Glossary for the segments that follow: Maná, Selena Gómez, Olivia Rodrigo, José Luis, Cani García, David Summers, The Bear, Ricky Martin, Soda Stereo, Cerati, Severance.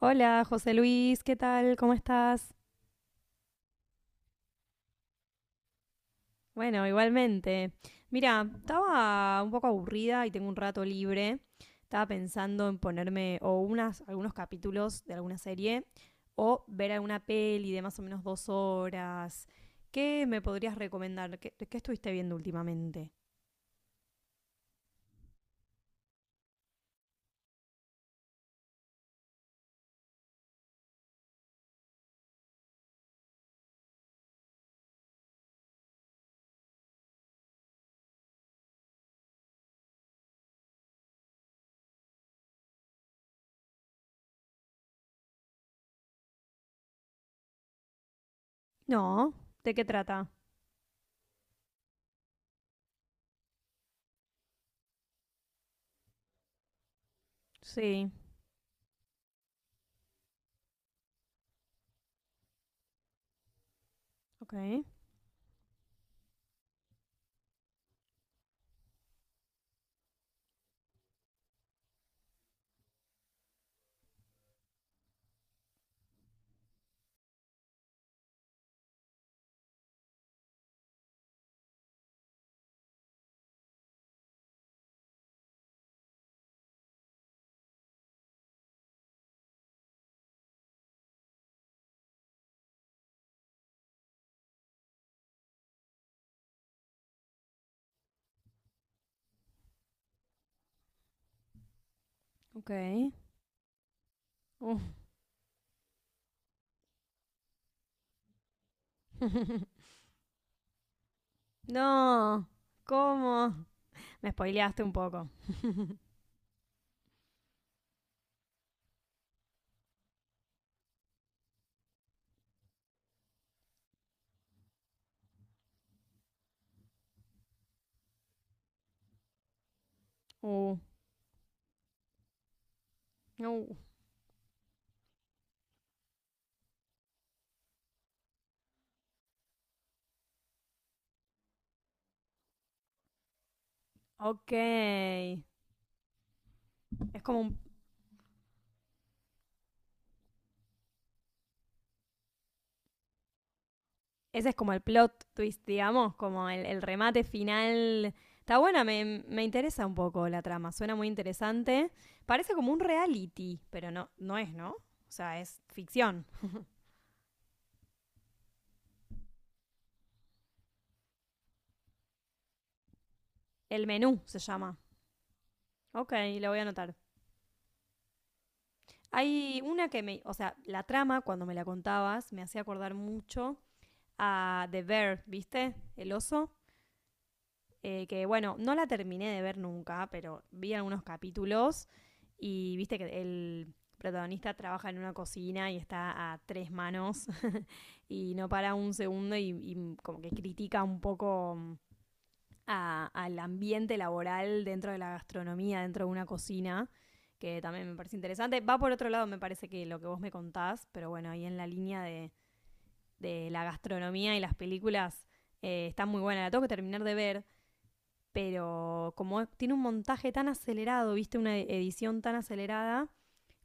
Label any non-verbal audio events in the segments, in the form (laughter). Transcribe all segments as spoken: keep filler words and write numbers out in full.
Hola, José Luis, ¿qué tal? ¿Cómo estás? Bueno, igualmente. Mira, estaba un poco aburrida y tengo un rato libre. Estaba pensando en ponerme o unas, algunos capítulos de alguna serie o ver alguna peli de más o menos dos horas. ¿Qué me podrías recomendar? ¿Qué, qué estuviste viendo últimamente? No, ¿de qué trata? Sí, ok, ok. Uh, (laughs) No, ¿cómo? Me spoileaste un poco. Uh, no. Ok. Es como un- ese es como el plot twist, digamos, como el, el remate final. Está buena, me, me interesa un poco la trama, suena muy interesante. Parece como un reality, pero no, no es, ¿no? O sea, es ficción. El menú se llama. Ok, lo voy a anotar. Hay una que me, o sea, la trama, cuando me la contabas, me hacía acordar mucho a The Bear, ¿viste? El oso. eh, que bueno, no la terminé de ver nunca, pero vi algunos capítulos y viste que el protagonista trabaja en una cocina y está a tres manos (laughs) y no para un segundo y, y como que critica un poco mm, a- al ambiente laboral dentro de la gastronomía, dentro de una cocina, que también me parece interesante. Va por otro lado, me parece que lo que vos me contás, pero bueno, ahí en la línea de, de la gastronomía y las películas eh, está muy buena. La tengo que terminar de ver pero como tiene un montaje tan acelerado, viste, una e-, edición tan acelerada,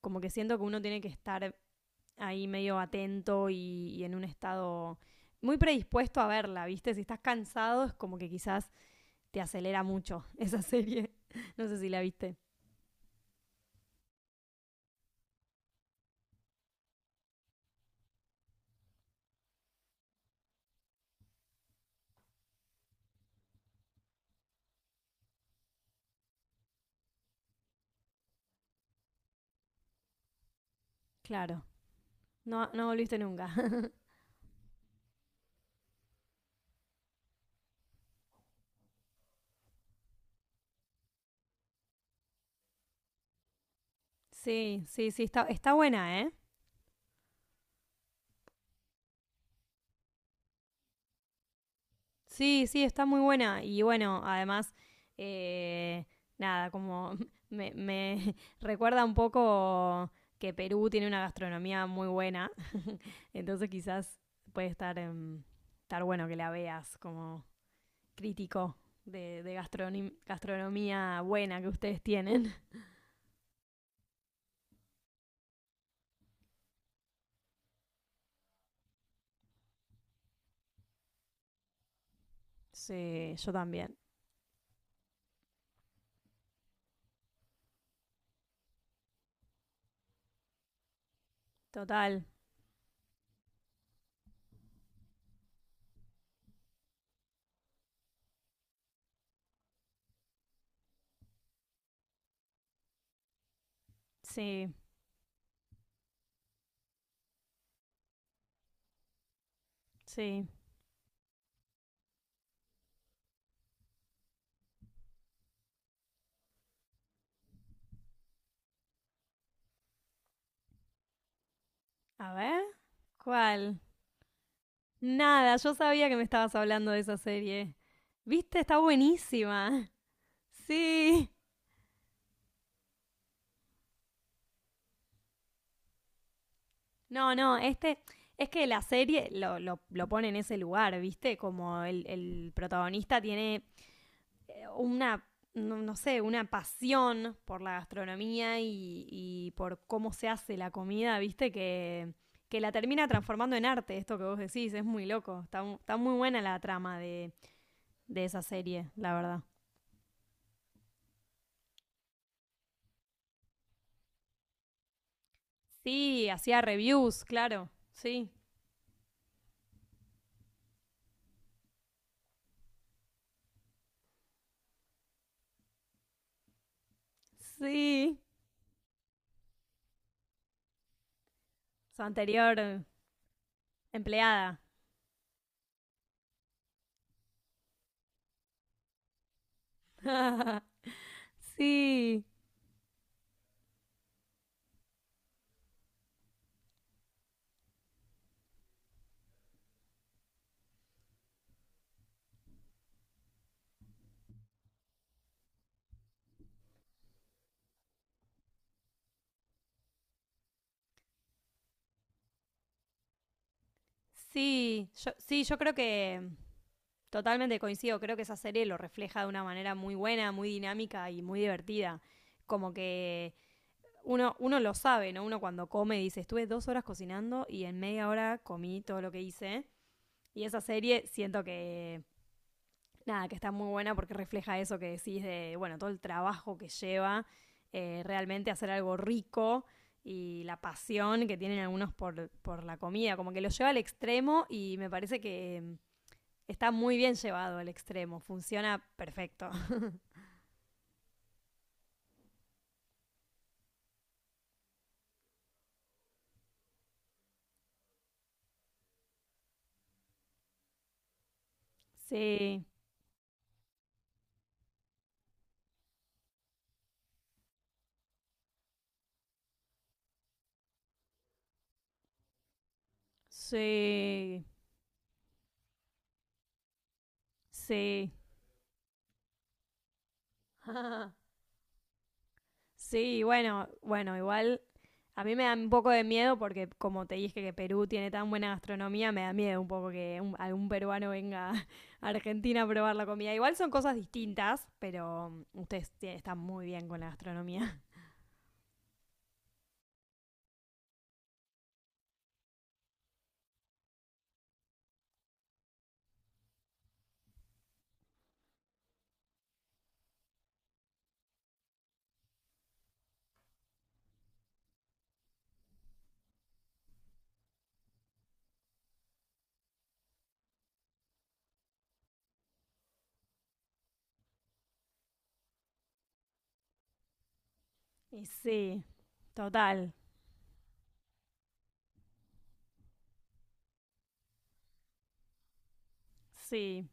como que siento que uno tiene que estar ahí medio atento y, y en un estado muy predispuesto a verla, viste. Si estás cansado, es como que quizás te acelera mucho (laughs) esa serie. No sé si la viste. Claro. No, no volviste nunca. (laughs) Sí, sí, sí, está, está buena, ¿eh? Sí, sí, está muy buena. Y bueno, además, eh, nada, como me, me (laughs) recuerda un poco que Perú tiene una gastronomía muy buena. (laughs) Entonces quizás puede estar, em, estar bueno que la veas como crítico de, de gastronim- gastronomía buena que ustedes tienen. (laughs) Sí, yo también. Total, sí, sí. A ver, ¿cuál? Nada, yo sabía que me estabas hablando de esa serie. ¿Viste? Está buenísima. Sí. No, no, este. Es que la serie lo, lo, lo pone en ese lugar, ¿viste? Como el, el protagonista tiene eh, una, no, no sé, una pasión por la gastronomía y, y por cómo se hace la comida, ¿viste? Que, que la termina transformando en arte, esto que vos decís, es muy loco. Está, está muy buena la trama de, de esa serie, la verdad. Sí, hacía reviews, claro. Sí. Sí. Su anterior empleada. (laughs) Sí, sí, yo, sí, yo creo que mm, totalmente coincido, creo que esa serie lo refleja de una manera muy buena, muy dinámica y muy divertida. Como que uno, uno lo sabe, ¿no? Uno cuando come dice, estuve dos horas cocinando y en media hora comí todo lo que hice. Y esa serie siento que nada, que está muy buena porque refleja eso que decís de, bueno, todo el trabajo que lleva eh, realmente hacer algo rico y la pasión que tienen algunos por, por la comida, como que lo lleva al extremo y me parece que eh, está muy bien llevado al extremo, funciona perfecto. (laughs) Sí, sí, sí. (laughs) Sí, bueno, bueno, igual a mí me da un poco de miedo porque, como te dije que Perú tiene tan buena gastronomía, me da miedo un poco que un- algún peruano venga (laughs) a Argentina a probar la comida. Igual son cosas distintas, pero mm, ustedes están muy bien con la gastronomía. (laughs) Y sí, total, sí.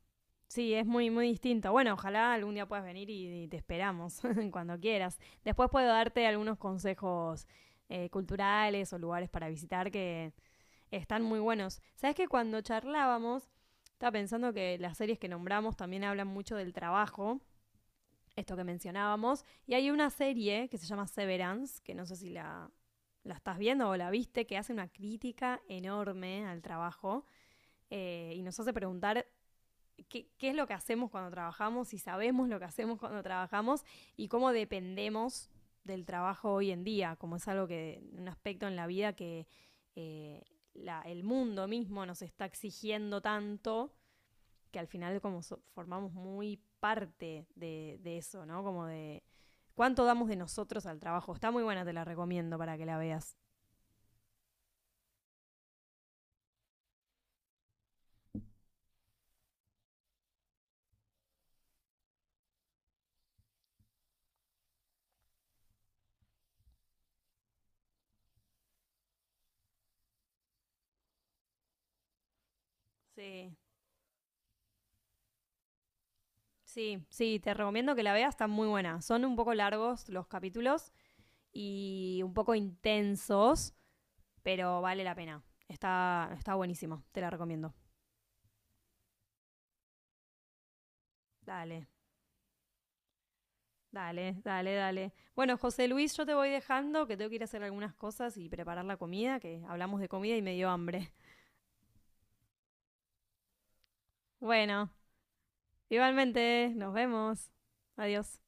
Sí, es muy, muy distinto. Bueno, ojalá algún día puedas venir y, y te esperamos (laughs) cuando quieras. Después puedo darte algunos consejos eh, culturales o lugares para visitar que están muy buenos. ¿Sabes que cuando charlábamos, estaba pensando que las series que nombramos también hablan mucho del trabajo, esto que mencionábamos, y hay una serie que se llama Severance, que no sé si la, la estás viendo o la viste, que hace una crítica enorme al trabajo eh, y nos hace preguntar qué, qué es lo que hacemos cuando trabajamos, si sabemos lo que hacemos cuando trabajamos y cómo dependemos del trabajo hoy en día, como es algo que, un aspecto en la vida que eh, la- el mundo mismo nos está exigiendo tanto que al final como so- formamos muy parte de, de eso, ¿no? Como de cuánto damos de nosotros al trabajo. Está muy buena, te la recomiendo para que la veas. Sí, sí, sí, te recomiendo que la veas, está muy buena. Son un poco largos los capítulos, y un poco intensos, pero vale la pena. Está, está buenísimo, te la recomiendo. Dale, dale, dale, dale. Bueno, José Luis, yo te voy dejando, que tengo que ir a hacer algunas cosas y preparar la comida, que hablamos de comida y me dio hambre. Bueno, igualmente, nos vemos. Adiós.